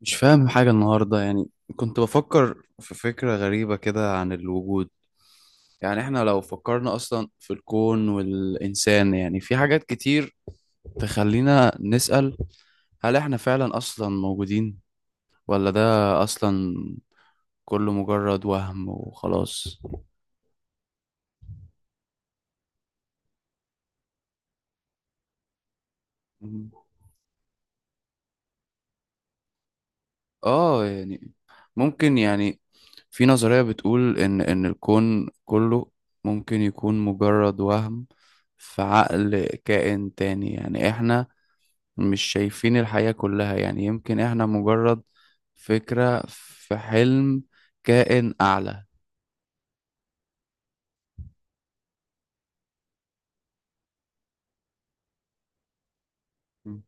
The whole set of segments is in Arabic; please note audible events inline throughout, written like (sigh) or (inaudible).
مش فاهم حاجة النهاردة يعني. كنت بفكر في فكرة غريبة كده عن الوجود. يعني احنا لو فكرنا أصلا في الكون والإنسان، يعني في حاجات كتير تخلينا نسأل: هل احنا فعلا أصلا موجودين؟ ولا ده أصلا كله مجرد وهم وخلاص؟ اه، يعني ممكن. يعني في نظرية بتقول إن الكون كله ممكن يكون مجرد وهم في عقل كائن تاني. يعني احنا مش شايفين الحياة كلها، يعني يمكن احنا مجرد فكرة في حلم كائن أعلى. مم.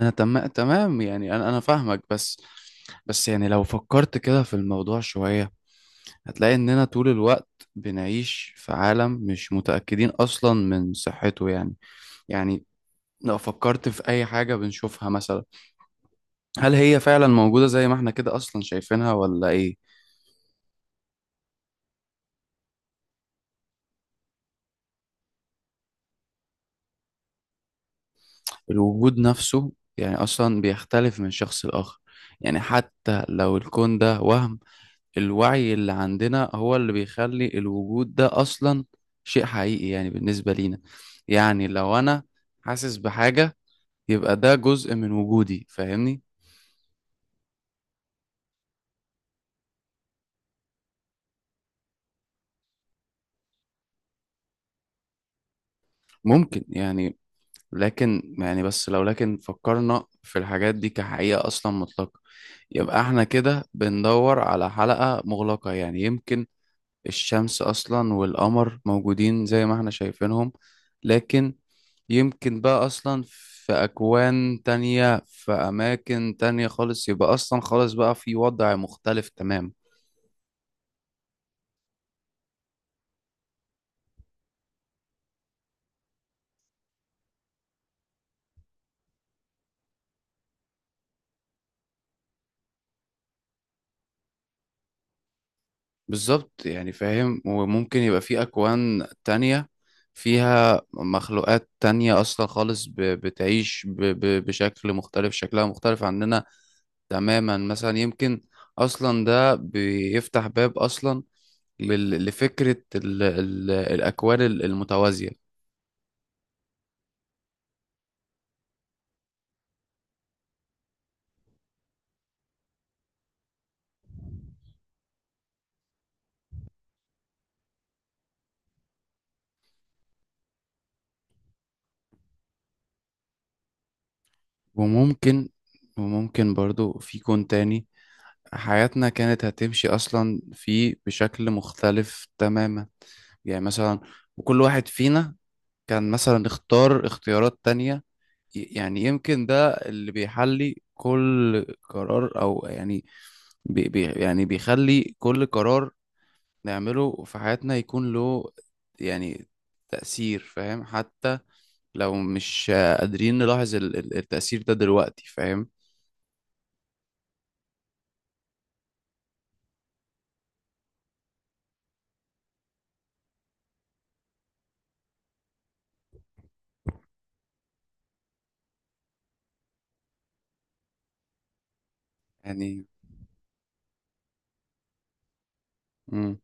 انا تمام، يعني انا فاهمك. بس يعني لو فكرت كده في الموضوع شوية، هتلاقي اننا طول الوقت بنعيش في عالم مش متأكدين اصلا من صحته. يعني يعني لو فكرت في اي حاجة بنشوفها مثلا، هل هي فعلا موجودة زي ما احنا كده اصلا شايفينها ولا ايه؟ الوجود نفسه يعني أصلا بيختلف من شخص لآخر. يعني حتى لو الكون ده وهم، الوعي اللي عندنا هو اللي بيخلي الوجود ده أصلا شيء حقيقي يعني بالنسبة لينا. يعني لو أنا حاسس بحاجة، يبقى ده جزء من وجودي، فاهمني؟ ممكن يعني. لكن يعني بس لو لكن فكرنا في الحاجات دي كحقيقة أصلا مطلقة، يبقى احنا كده بندور على حلقة مغلقة. يعني يمكن الشمس أصلا والقمر موجودين زي ما احنا شايفينهم، لكن يمكن بقى أصلا في أكوان تانية في أماكن تانية خالص، يبقى أصلا خالص بقى في وضع مختلف تمام. بالظبط، يعني فاهم. وممكن يبقى في أكوان تانية فيها مخلوقات تانية أصلا خالص بتعيش بشكل مختلف، شكلها مختلف عننا تماما. مثلا يمكن أصلا ده بيفتح باب أصلا لفكرة ال ال الأكوان المتوازية. وممكن وممكن برضو في كون تاني حياتنا كانت هتمشي أصلا فيه بشكل مختلف تماما. يعني مثلا وكل واحد فينا كان مثلا اختار اختيارات تانية، يعني يمكن ده اللي بيحلي كل قرار، أو يعني بي بي يعني بيخلي كل قرار نعمله في حياتنا يكون له يعني تأثير، فاهم؟ حتى لو مش قادرين نلاحظ التأثير ده دلوقتي، فاهم؟ يعني مم.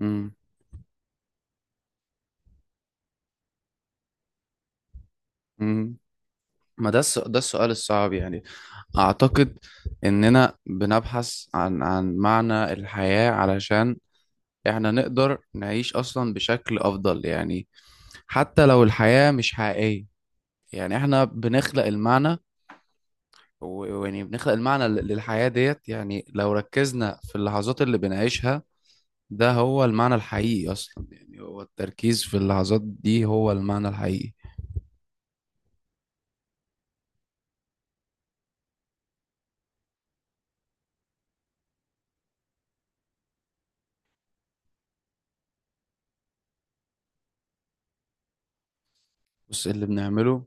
مم. مم. ما ده السؤال الصعب. يعني أعتقد إننا بنبحث عن معنى الحياة علشان إحنا نقدر نعيش أصلا بشكل أفضل. يعني حتى لو الحياة مش حقيقية، يعني إحنا بنخلق المعنى و- ويعني بنخلق المعنى للحياة ديت. يعني لو ركزنا في اللحظات اللي بنعيشها، ده هو المعنى الحقيقي أصلا. يعني هو التركيز في اللحظات دي هو المعنى الحقيقي. بص، اللي بنعمله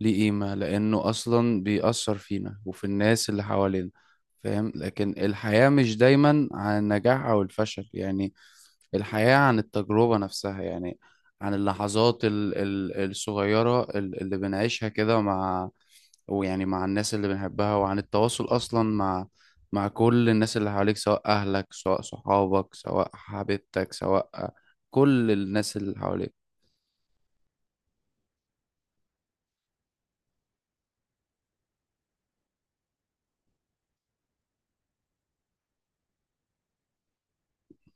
ليه قيمة لأنه أصلا بيأثر فينا وفي الناس اللي حوالينا، فاهم؟ لكن الحياة مش دايما عن النجاح أو الفشل، يعني الحياة عن التجربة نفسها، يعني عن اللحظات الصغيرة اللي بنعيشها كده مع، ويعني مع الناس اللي بنحبها، وعن التواصل أصلا مع كل الناس اللي حواليك، سواء أهلك سواء صحابك سواء حبيبتك سواء كل الناس اللي حواليك.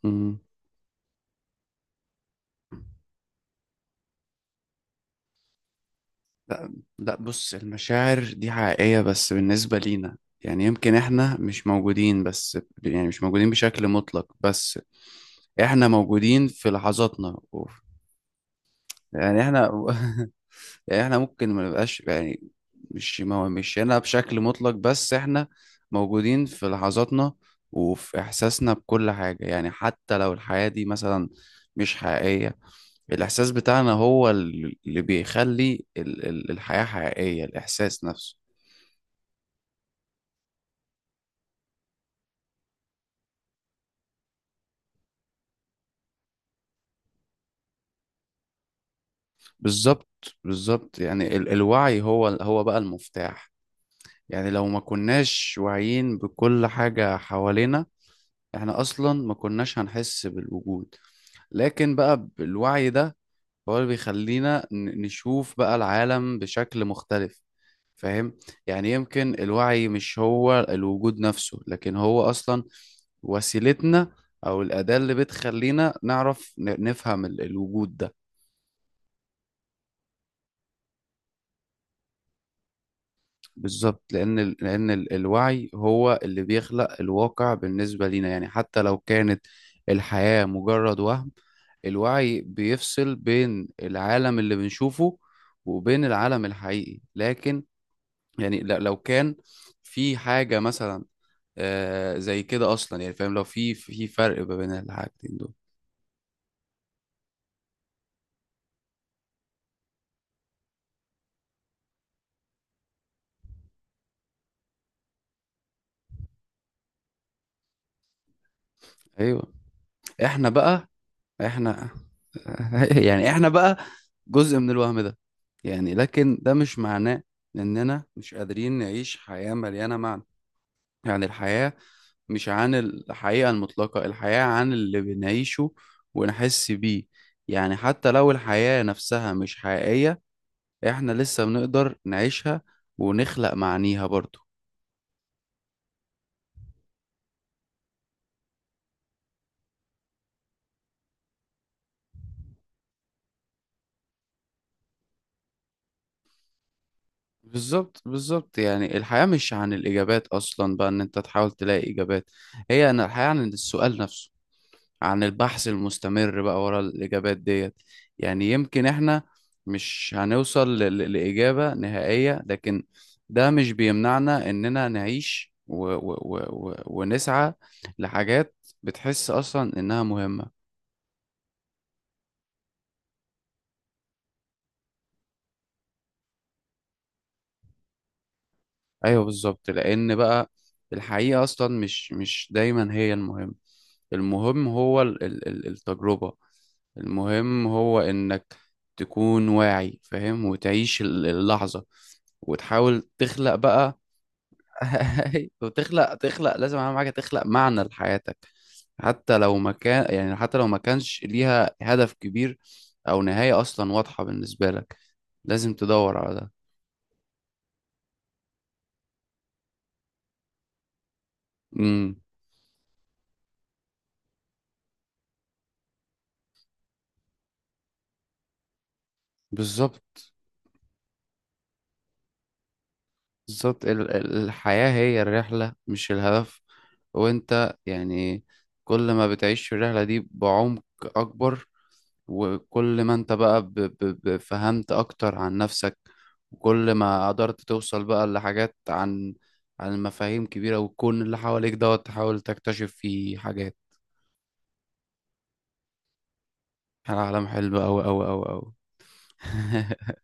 مم. لا، لا، بص المشاعر دي حقيقية بس بالنسبة لينا. يعني يمكن احنا مش موجودين، بس يعني مش موجودين بشكل مطلق، بس احنا موجودين في لحظاتنا. أوف. يعني احنا (laughs) يعني احنا ممكن ما نبقاش، يعني مش هنا بشكل مطلق، بس احنا موجودين في لحظاتنا وفي احساسنا بكل حاجة. يعني حتى لو الحياة دي مثلا مش حقيقية، الاحساس بتاعنا هو اللي بيخلي الحياة حقيقية، الاحساس نفسه. بالظبط، بالظبط. يعني الوعي هو بقى المفتاح. يعني لو ما كناش واعيين بكل حاجة حوالينا، احنا اصلا ما كناش هنحس بالوجود، لكن بقى بالوعي ده هو اللي بيخلينا نشوف بقى العالم بشكل مختلف، فاهم؟ يعني يمكن الوعي مش هو الوجود نفسه، لكن هو أصلا وسيلتنا، أو الأداة اللي بتخلينا نعرف نفهم الوجود ده. بالظبط، لأن الوعي هو اللي بيخلق الواقع بالنسبة لينا. يعني حتى لو كانت الحياة مجرد وهم، الوعي بيفصل بين العالم اللي بنشوفه وبين العالم الحقيقي. لكن يعني لو كان في حاجة مثلا زي كده أصلا، يعني فاهم، لو في فرق ما بين الحاجتين دول. أيوه. إحنا بقى، إحنا (laughs) يعني إحنا بقى جزء من الوهم ده. يعني لكن ده مش معناه إننا مش قادرين نعيش حياة مليانة معنى. يعني الحياة مش عن الحقيقة المطلقة، الحياة عن اللي بنعيشه ونحس بيه. يعني حتى لو الحياة نفسها مش حقيقية، احنا لسه بنقدر نعيشها ونخلق معانيها برضو. بالظبط، بالظبط. يعني الحياة مش عن الإجابات أصلا، بقى إن أنت تحاول تلاقي إجابات، هي أن الحياة عن السؤال نفسه، عن البحث المستمر بقى ورا الإجابات ديت. يعني يمكن إحنا مش هنوصل لإجابة نهائية، لكن ده مش بيمنعنا إننا نعيش و و و و ونسعى لحاجات بتحس أصلا إنها مهمة. ايوه، بالظبط، لان بقى الحقيقه اصلا مش دايما هي المهم. المهم هو التجربه. المهم هو انك تكون واعي، فاهم؟ وتعيش اللحظه، وتحاول تخلق بقى (laughs) وتخلق لازم اهم حاجه تخلق معنى لحياتك. حتى لو ما كان يعني حتى لو ما كانش ليها هدف كبير او نهايه اصلا واضحه بالنسبه لك، لازم تدور على ده. امم. بالظبط، بالظبط، الحياة هي الرحلة مش الهدف. وانت يعني كل ما بتعيش في الرحلة دي بعمق أكبر، وكل ما انت بقى فهمت أكتر عن نفسك، وكل ما قدرت توصل بقى لحاجات عن مفاهيم كبيرة والكون اللي حواليك دوت تحاول تكتشف فيه حاجات. العالم حلو أوي أوي أوي أوي (laughs)